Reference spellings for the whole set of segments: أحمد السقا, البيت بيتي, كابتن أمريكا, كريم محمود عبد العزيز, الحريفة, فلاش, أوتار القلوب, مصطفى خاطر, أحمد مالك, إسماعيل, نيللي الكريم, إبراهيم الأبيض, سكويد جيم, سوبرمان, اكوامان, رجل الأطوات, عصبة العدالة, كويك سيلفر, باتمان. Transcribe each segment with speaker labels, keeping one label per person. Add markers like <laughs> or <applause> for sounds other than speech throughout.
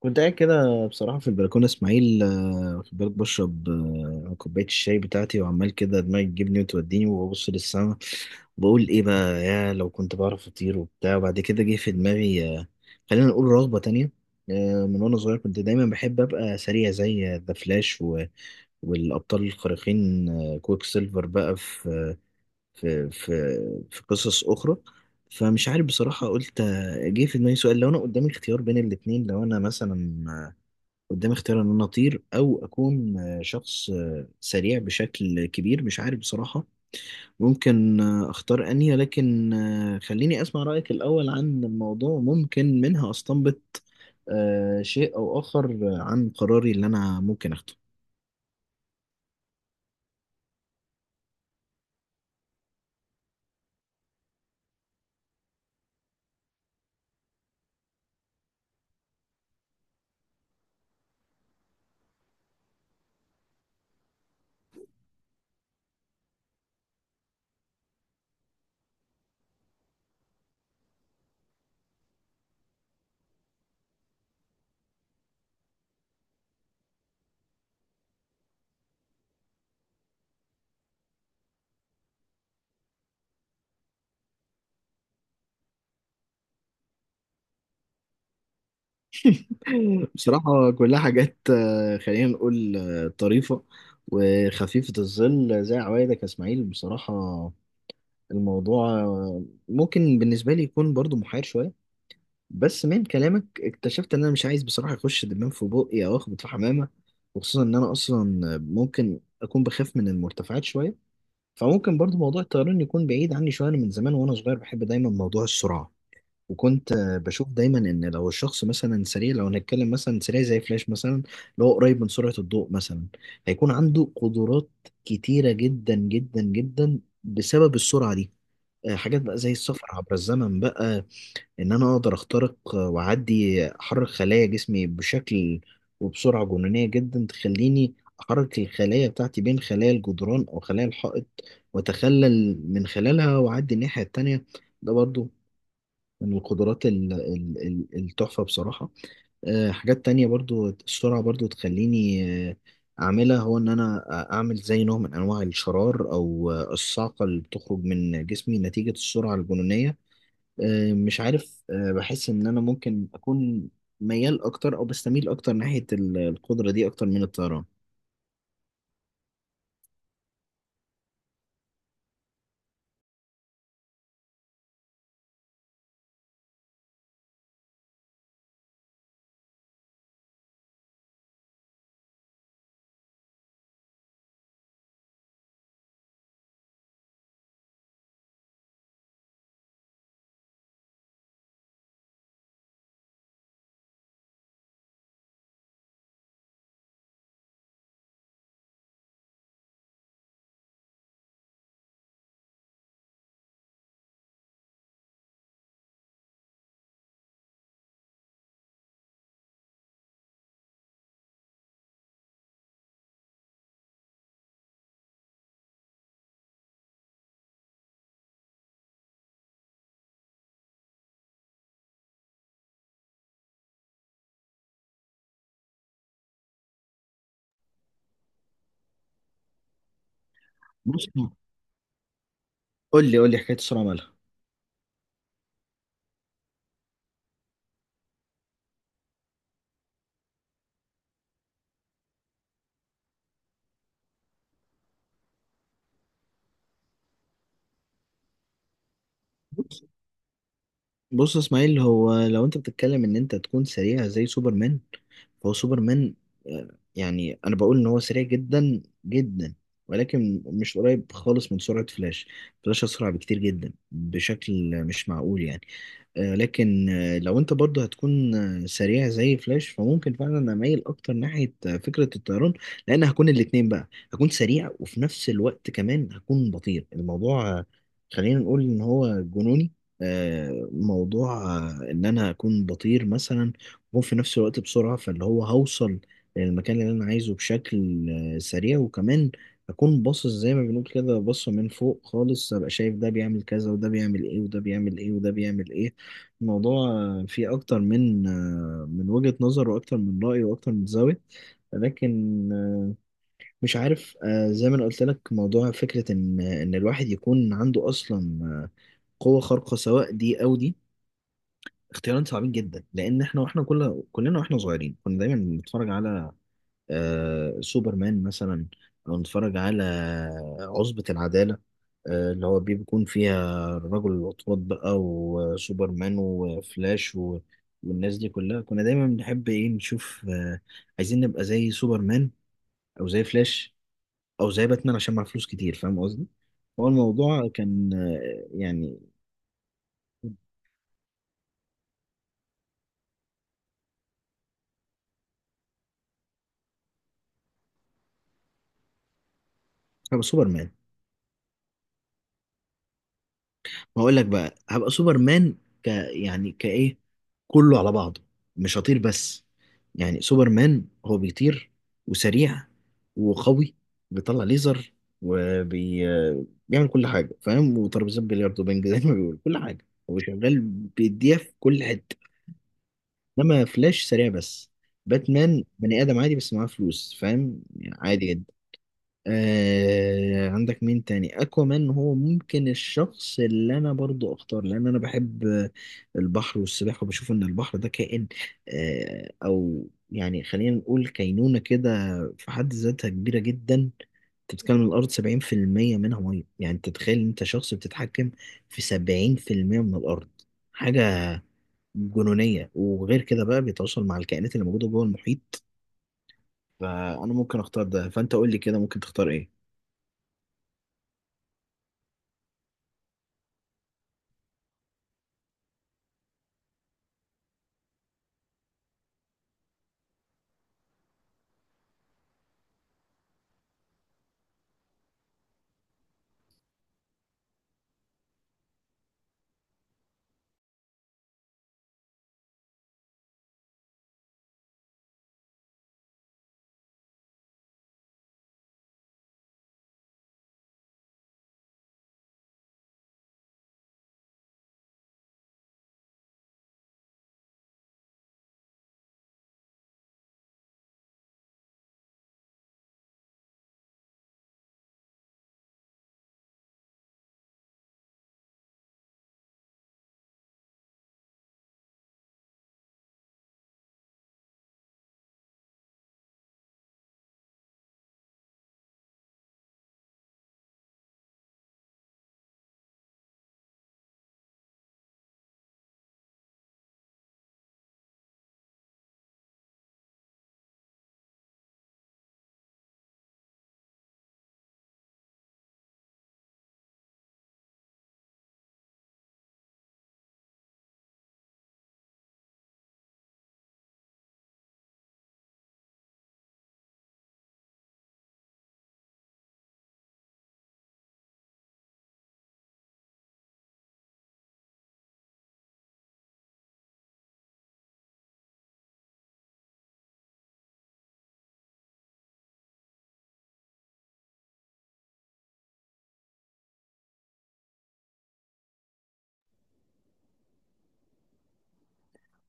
Speaker 1: كنت قاعد كده بصراحة في البلكونة إسماعيل، واخد بالك بشرب كوباية الشاي بتاعتي وعمال كده دماغي تجيبني وتوديني وببص للسما. بقول إيه بقى يا لو كنت بعرف أطير وبتاع. وبعد كده جه في دماغي، خلينا نقول رغبة تانية. من وأنا صغير كنت دايما بحب أبقى سريع زي ذا فلاش والأبطال الخارقين، كويك سيلفر بقى في في في قصص أخرى. فمش عارف بصراحة، قلت جه في دماغي سؤال: لو أنا قدامي اختيار بين الاتنين، لو أنا مثلا قدامي اختيار ان انا اطير او اكون شخص سريع بشكل كبير. مش عارف بصراحة ممكن اختار انهي، لكن خليني اسمع رأيك الاول عن الموضوع، ممكن منها استنبط شيء او اخر عن قراري اللي انا ممكن اخده. <laughs> بصراحة كلها حاجات خلينا نقول طريفة وخفيفة الظل، زي عوايدك يا اسماعيل. بصراحة الموضوع ممكن بالنسبة لي يكون برضو محير شوية. بس من كلامك اكتشفت ان انا مش عايز بصراحه اخش دبان في بقي او اخبط في حمامه. وخصوصا ان انا اصلا ممكن اكون بخاف من المرتفعات شويه. فممكن برضو موضوع الطيران يكون بعيد عني شويه. انا من زمان وانا صغير بحب دايما موضوع السرعه، وكنت بشوف دايما ان لو الشخص مثلا سريع، لو هنتكلم مثلا سريع زي فلاش مثلا اللي هو قريب من سرعه الضوء مثلا، هيكون عنده قدرات كتيره جدا جدا جدا بسبب السرعه دي. حاجات بقى زي السفر عبر الزمن بقى، ان انا اقدر اخترق واعدي، احرك خلايا جسمي بشكل وبسرعه جنونيه جدا تخليني احرك الخلايا بتاعتي بين خلايا الجدران او خلايا الحائط واتخلل من خلالها واعدي الناحيه التانيه. ده برضو من القدرات التحفه بصراحه. حاجات تانية، برضو السرعه برضو تخليني آه، اعملها، هو ان انا اعمل زي نوع من انواع الشرار او الصعقه اللي بتخرج من جسمي نتيجه السرعه الجنونيه. مش عارف، بحس ان انا ممكن اكون ميال اكتر او بستميل اكتر ناحية القدرة دي اكتر من الطيران. بص، قول لي قول لي حكاية السرعة مالها. بص بص يا اسماعيل، هو لو انت بتتكلم ان انت تكون سريع زي سوبرمان، فهو سوبرمان يعني انا بقول ان هو سريع جدا جدا، ولكن مش قريب خالص من سرعة فلاش. فلاش اسرع بكتير جدا بشكل مش معقول يعني. لكن لو انت برضه هتكون سريع زي فلاش، فممكن فعلا اميل اكتر ناحية فكرة الطيران، لان هكون الاتنين بقى، هكون سريع وفي نفس الوقت كمان هكون بطير. الموضوع خلينا نقول ان هو جنوني. موضوع ان انا اكون بطير مثلا وفي نفس الوقت بسرعة، فاللي هو هوصل للمكان اللي انا عايزه بشكل سريع، وكمان اكون باصص زي ما بنقول كده، باصه من فوق خالص، ابقى شايف ده بيعمل كذا وده بيعمل ايه وده بيعمل ايه وده بيعمل ايه. الموضوع فيه أكتر من وجهة نظر، وأكتر من رأي، وأكتر من زاوية. لكن مش عارف، زي ما أنا قلت لك، موضوع فكرة إن الواحد يكون عنده أصلا قوة خارقة سواء دي أو دي، اختيارين صعبين جدا. لأن إحنا وإحنا كلنا وإحنا صغيرين كنا دايما بنتفرج على آه سوبرمان مثلا، لو نتفرج على عصبة العدالة، آه اللي هو بيكون فيها رجل الأطوات بقى وسوبرمان وفلاش و... والناس دي كلها، كنا دايما بنحب ايه نشوف، آه عايزين نبقى زي سوبرمان أو زي فلاش أو زي باتمان عشان معاه فلوس كتير، فاهم قصدي؟ هو الموضوع كان آه يعني هو سوبرمان. هقول لك بقى هبقى سوبرمان، يعني كايه كله على بعضه. مش هطير بس، يعني سوبرمان هو بيطير وسريع وقوي، بيطلع ليزر وبيعمل كل حاجه فاهم، وترابيزات بلياردو وبنج زي ما بيقول، كل حاجه هو شغال بيديها في كل حته. انما فلاش سريع بس. باتمان بني ادم عادي بس معاه فلوس، فاهم يعني، عادي جدا. آه عندك مين تاني، اكوامان. هو ممكن الشخص اللي انا برضو اختار، لان انا بحب البحر والسباحه، وبشوف ان البحر ده كائن، او يعني خلينا نقول كينونه كده، في حد ذاتها كبيره جدا. انت بتتكلم الارض 70% منها ميه، يعني انت تتخيل إن انت شخص بتتحكم في 70% من الارض، حاجه جنونيه. وغير كده بقى بيتواصل مع الكائنات اللي موجوده جوه المحيط. فانا ممكن اختار ده، فانت قول لي كده ممكن تختار ايه.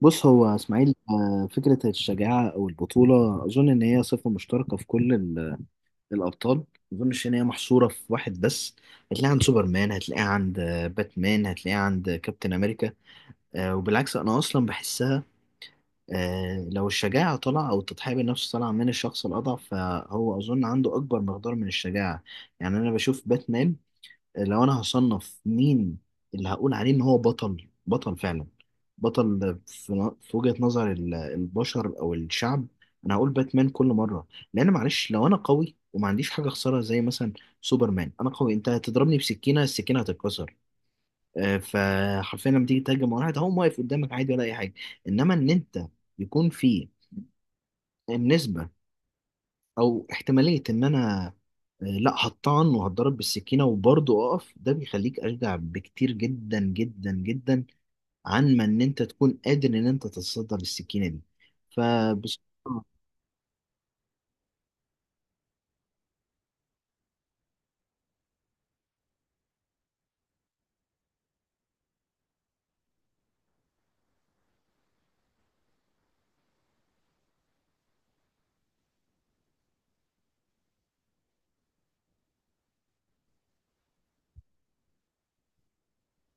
Speaker 1: بص هو اسماعيل، فكرة الشجاعة أو البطولة أظن إن هي صفة مشتركة في كل الأبطال. ما أظنش إن هي محصورة في واحد بس، هتلاقيها عند سوبرمان، هتلاقيها عند باتمان، هتلاقيها عند كابتن أمريكا. وبالعكس، أنا أصلا بحسها، لو الشجاعة طالعة أو التضحية بالنفس طالعة من الشخص الأضعف، فهو أظن عنده أكبر مقدار من الشجاعة. يعني أنا بشوف باتمان، لو انا هصنف مين اللي هقول عليه ان هو بطل بطل فعلا، بطل في وجهة نظر البشر او الشعب، انا هقول باتمان كل مرة. لان معلش، لو انا قوي وما عنديش حاجة اخسرها زي مثلا سوبرمان، انا قوي، انت هتضربني بسكينة السكينة هتتكسر، فحرفيا لما تيجي تهاجم على واحد هقوم واقف قدامك عادي ولا اي حاجة. انما ان انت يكون في النسبة او احتماليه ان انا لا هطعن وهتضرب بالسكينه وبرضه اقف، ده بيخليك اشجع بكتير جدا جدا جدا عن ما ان انت تكون قادر ان انت تتصدى للسكينه دي. فبصراحه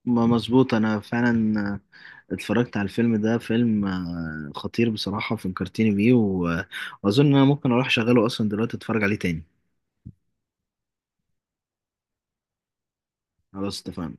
Speaker 1: ما مظبوط، انا فعلا اتفرجت على الفيلم ده، فيلم خطير بصراحه، فكرتني بيه واظن انا ممكن اروح اشغله اصلا دلوقتي اتفرج عليه تاني. خلاص اتفقنا.